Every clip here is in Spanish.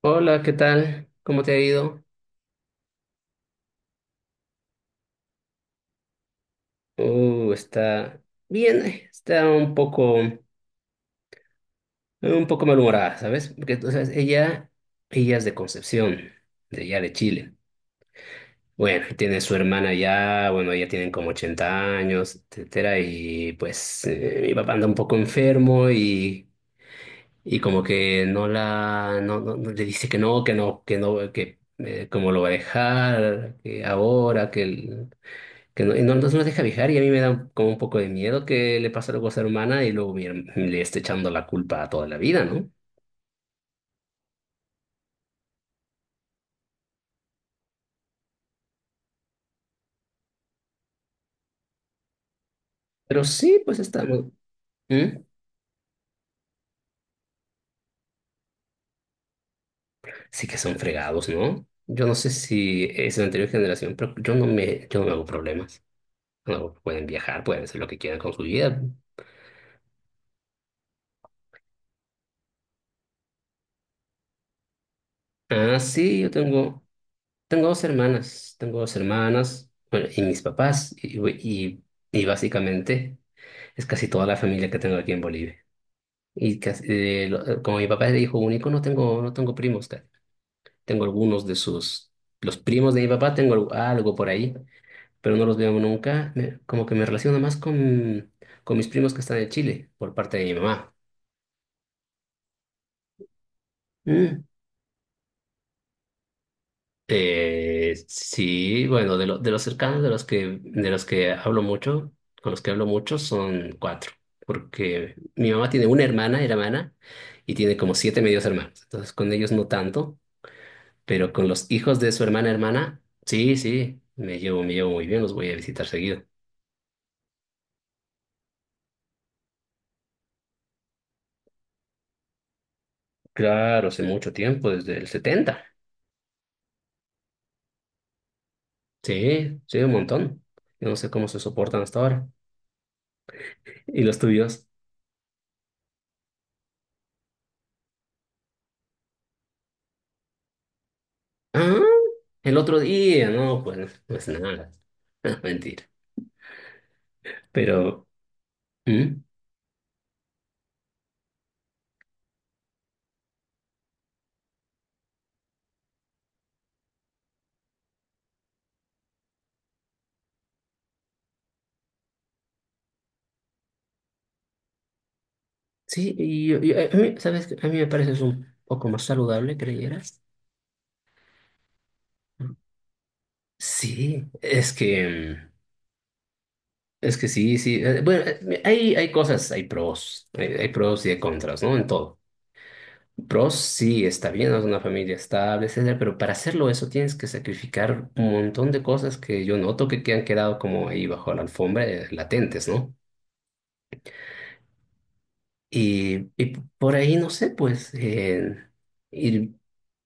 Hola, ¿qué tal? ¿Cómo te ha ido? Está bien, está un poco malhumorada, ¿sabes? Porque o sea, ella es de Concepción, de allá de Chile. Bueno, tiene su hermana ya, bueno, ya tienen como 80 años, etcétera, y pues mi papá anda un poco enfermo y, como que no, le dice que no, que no, que no, que cómo lo va a dejar, que ahora, que no, no, no nos deja viajar y a mí me da como un poco de miedo que le pase algo a ser hermana y luego le esté echando la culpa a toda la vida, ¿no? Pero sí, pues estamos. ¿Mm? Sí que son fregados, ¿no? Yo no sé si es la anterior generación, pero yo no me hago problemas. No, pueden viajar, pueden hacer lo que quieran con su vida. Ah, sí, tengo dos hermanas, bueno, y mis papás, y, y básicamente es casi toda la familia que tengo aquí en Bolivia. Y casi, como mi papá es de hijo único, no tengo primos, tengo algunos de los primos de mi papá, tengo algo por ahí, pero no los veo nunca. Como que me relaciono más con mis primos que están en Chile, por parte de mi mamá. Mm. Sí, bueno, de los cercanos, de los que hablo mucho, con los que hablo mucho son cuatro, porque mi mamá tiene una hermana, hermana, y tiene como siete medios hermanos, entonces con ellos no tanto. Pero con los hijos de su hermana hermana, sí, sí, me llevo muy bien, los voy a visitar seguido. Claro, hace mucho tiempo, desde el 70. Sí, sí, un montón. Yo no sé cómo se soportan hasta ahora. ¿Y los tuyos? Ah, el otro día, no, pues nada. Mentira. Pero. ¿Mm? Sí, y a mí, ¿sabes qué? A mí me parece es un poco más saludable, ¿creyeras? Sí, es que es que sí, sí. Bueno, hay, cosas, hay pros, hay pros y hay contras, ¿no? En todo. Pros, sí, está bien, ¿no? Es una familia estable, etcétera, pero para hacerlo eso tienes que sacrificar un montón de cosas que yo noto que han quedado como ahí bajo la alfombra, latentes, ¿no? Y por ahí, no sé, pues, ir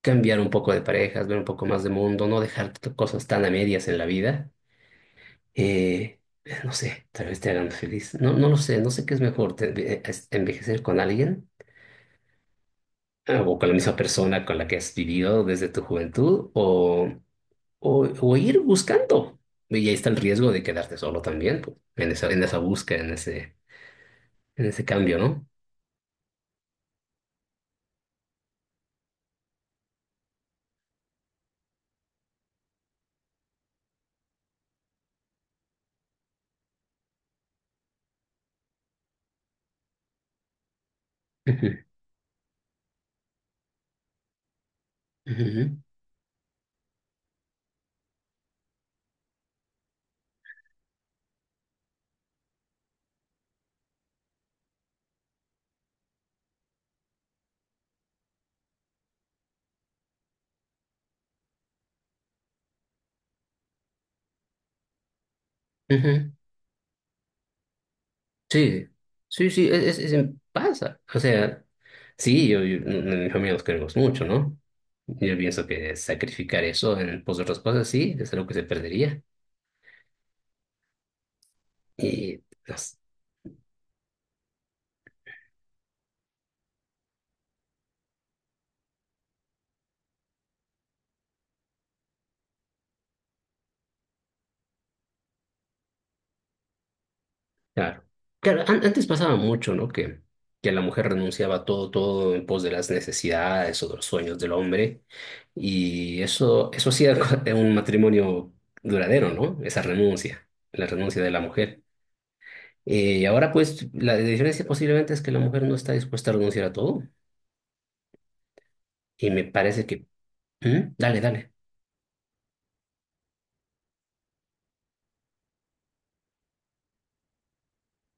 cambiar un poco de parejas, ver un poco más de mundo, no dejar cosas tan a medias en la vida. Eh, no sé, tal vez te hagan feliz. No, no lo sé, no sé qué es mejor, envejecer con alguien, o con la misma persona con la que has vivido desde tu juventud o ir buscando. Y ahí está el riesgo de quedarte solo también, pues, en en esa búsqueda, en ese cambio, ¿no? Ujú, ujú, ujú. Sí, sí, sí, pasa. O sea, sí, en mi familia nos queremos mucho, ¿no? Yo pienso que sacrificar eso en pos de otras cosas, sí, es algo que se perdería. Y, pues, claro, claro, antes pasaba mucho, ¿no? Que la mujer renunciaba a todo, todo en pos de las necesidades o de los sueños del hombre. Y eso hacía un matrimonio duradero, ¿no? Esa renuncia, la renuncia de la mujer. Ahora, pues, la diferencia posiblemente es que la mujer no está dispuesta a renunciar a todo. Y me parece que... ¿Mm? Dale, dale.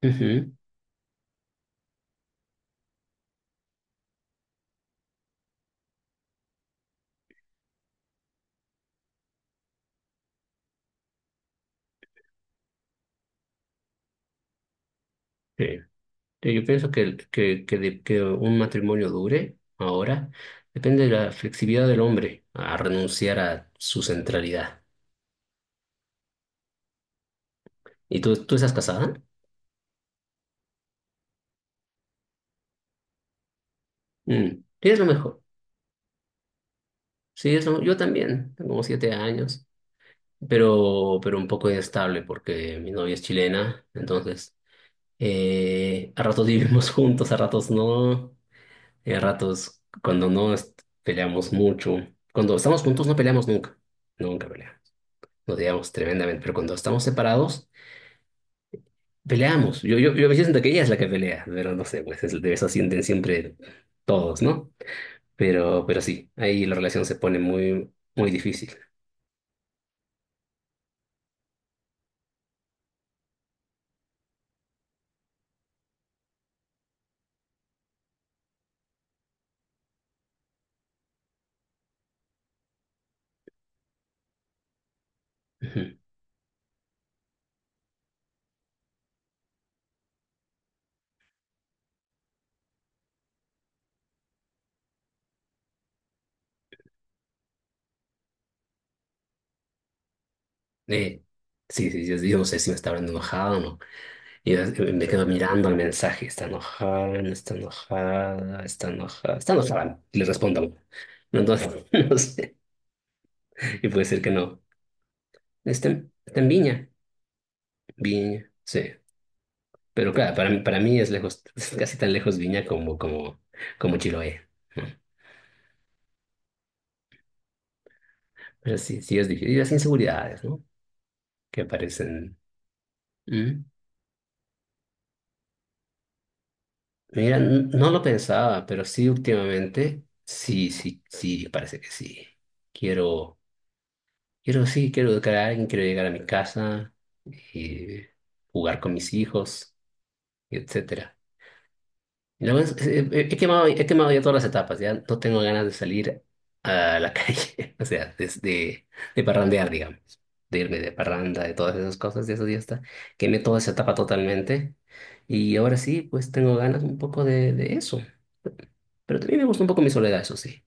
Ujú. Sí. Sí, yo pienso que un matrimonio dure ahora depende de la flexibilidad del hombre a renunciar a su centralidad. ¿Y tú estás casada? Mm. Sí, es lo mejor. Sí, yo también, tengo como 7 años, pero un poco inestable porque mi novia es chilena, entonces a ratos vivimos juntos, a ratos no. Y a ratos, cuando no es- peleamos mucho, cuando estamos juntos no peleamos nunca, nunca peleamos, nos odiamos tremendamente, pero cuando estamos separados, peleamos. Yo a veces siento que ella es la que pelea, pero no sé, pues de eso sienten siempre todos, ¿no? Pero sí, ahí la relación se pone muy, muy difícil. Ujú. Eh, sí, sí, yo no sé si me está hablando enojada o no. Y yo, me quedo mirando el mensaje, está enojada, no está enojada, está enojada, está enojada, y le respondo. Entonces, no sé. Y puede ser que no. Está en Viña. Viña, sí. Pero claro, para mí es lejos, es casi tan lejos Viña como, como Chiloé, ¿no? Pero sí, sí es difícil. Y las inseguridades, ¿no? Que aparecen. Mm. Mira, no lo pensaba, pero sí últimamente, sí, sí, sí, parece que sí. Quiero, Quiero, sí, quiero educar a alguien, quiero llegar a mi casa y jugar con mis hijos, y etcétera. Lo es- he he quemado, ya todas las etapas, ya no tengo ganas de salir a la calle, o sea, desde de parrandear, digamos, de irme de parranda, de todas esas cosas, de eso ya está. Quemé toda esa etapa totalmente y ahora sí, pues tengo ganas un poco de eso, pero también me gusta un poco mi soledad, eso sí.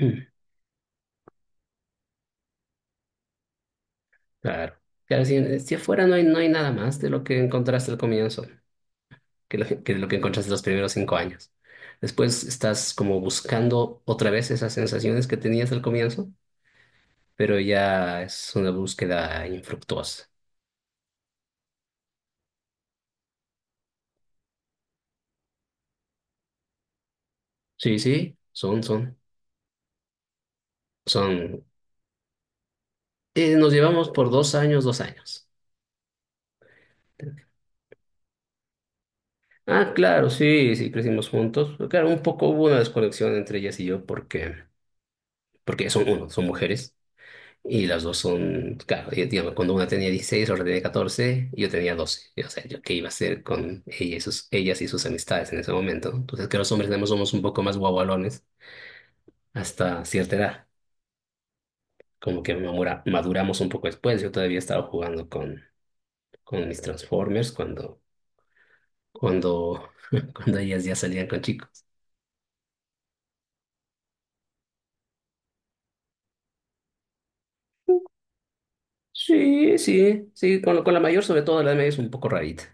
Mm, claro. Claro, si afuera no hay, nada más de lo que encontraste al comienzo, que lo que encontraste los primeros 5 años. Después estás como buscando otra vez esas sensaciones que tenías al comienzo, pero ya es una búsqueda infructuosa. Sí, sí, son. Nos llevamos por 2 años. Ah, claro, sí, sí, crecimos juntos. Pero claro, un poco hubo una desconexión entre ellas y yo porque son mujeres y las dos son, claro, y, digamos, cuando una tenía 16 otra tenía 14 y yo tenía 12. Y, o sea, yo qué iba a hacer con ella ellas y sus amistades en ese momento, ¿no? Entonces, que los hombres tenemos somos un poco más guagualones hasta cierta edad. Como que maduramos un poco después. Yo todavía estaba jugando con mis Transformers cuando, cuando ellas ya salían con chicos. Sí, sí, sí, con la mayor, sobre todo la de medio es un poco rarita.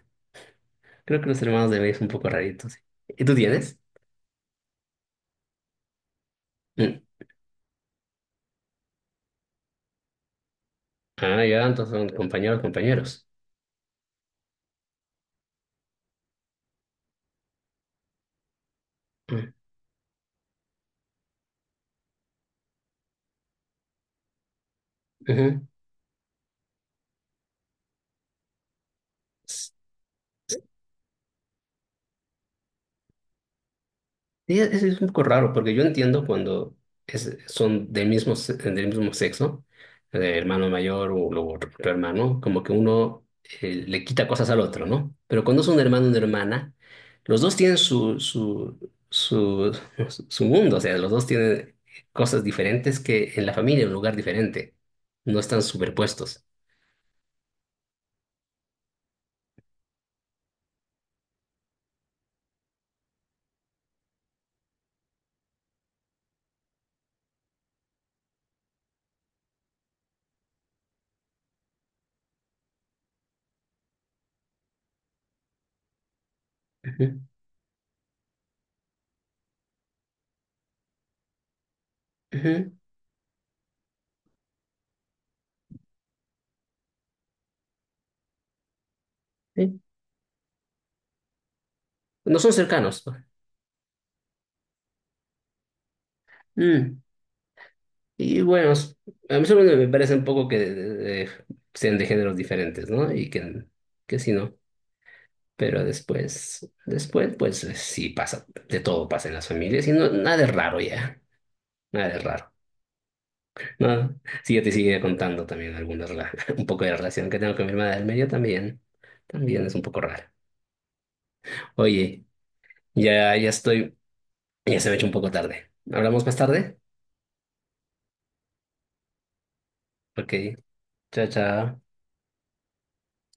Creo que los hermanos de medio es un poco raritos. ¿Y tú tienes? Mm. Ah, ya, entonces son compañeros, compañeros. Mm. Ujú. Sí, es un poco raro porque yo entiendo cuando son del mismo sexo, hermano mayor o otro hermano, como que uno le quita cosas al otro, ¿no? Pero cuando es un hermano o una hermana, los dos tienen su, su mundo, o sea, los dos tienen cosas diferentes que en la familia, en un lugar diferente, no están superpuestos. Ujú, ujú, sí. No son cercanos. Mm. Y bueno, a mí solo me parece un poco que sean de géneros diferentes, ¿no? Y que sí, ¿no? Pero después, después, pues sí pasa, de todo pasa en las familias y no, nada es raro ya, nada es raro, ¿no? Sí, yo te sigue contando también algunas, un poco de la relación que tengo con mi hermana del medio también, también es un poco rara. Oye, ya estoy, ya se me ha hecho un poco tarde. ¿Hablamos más tarde? Ok, chao, chao.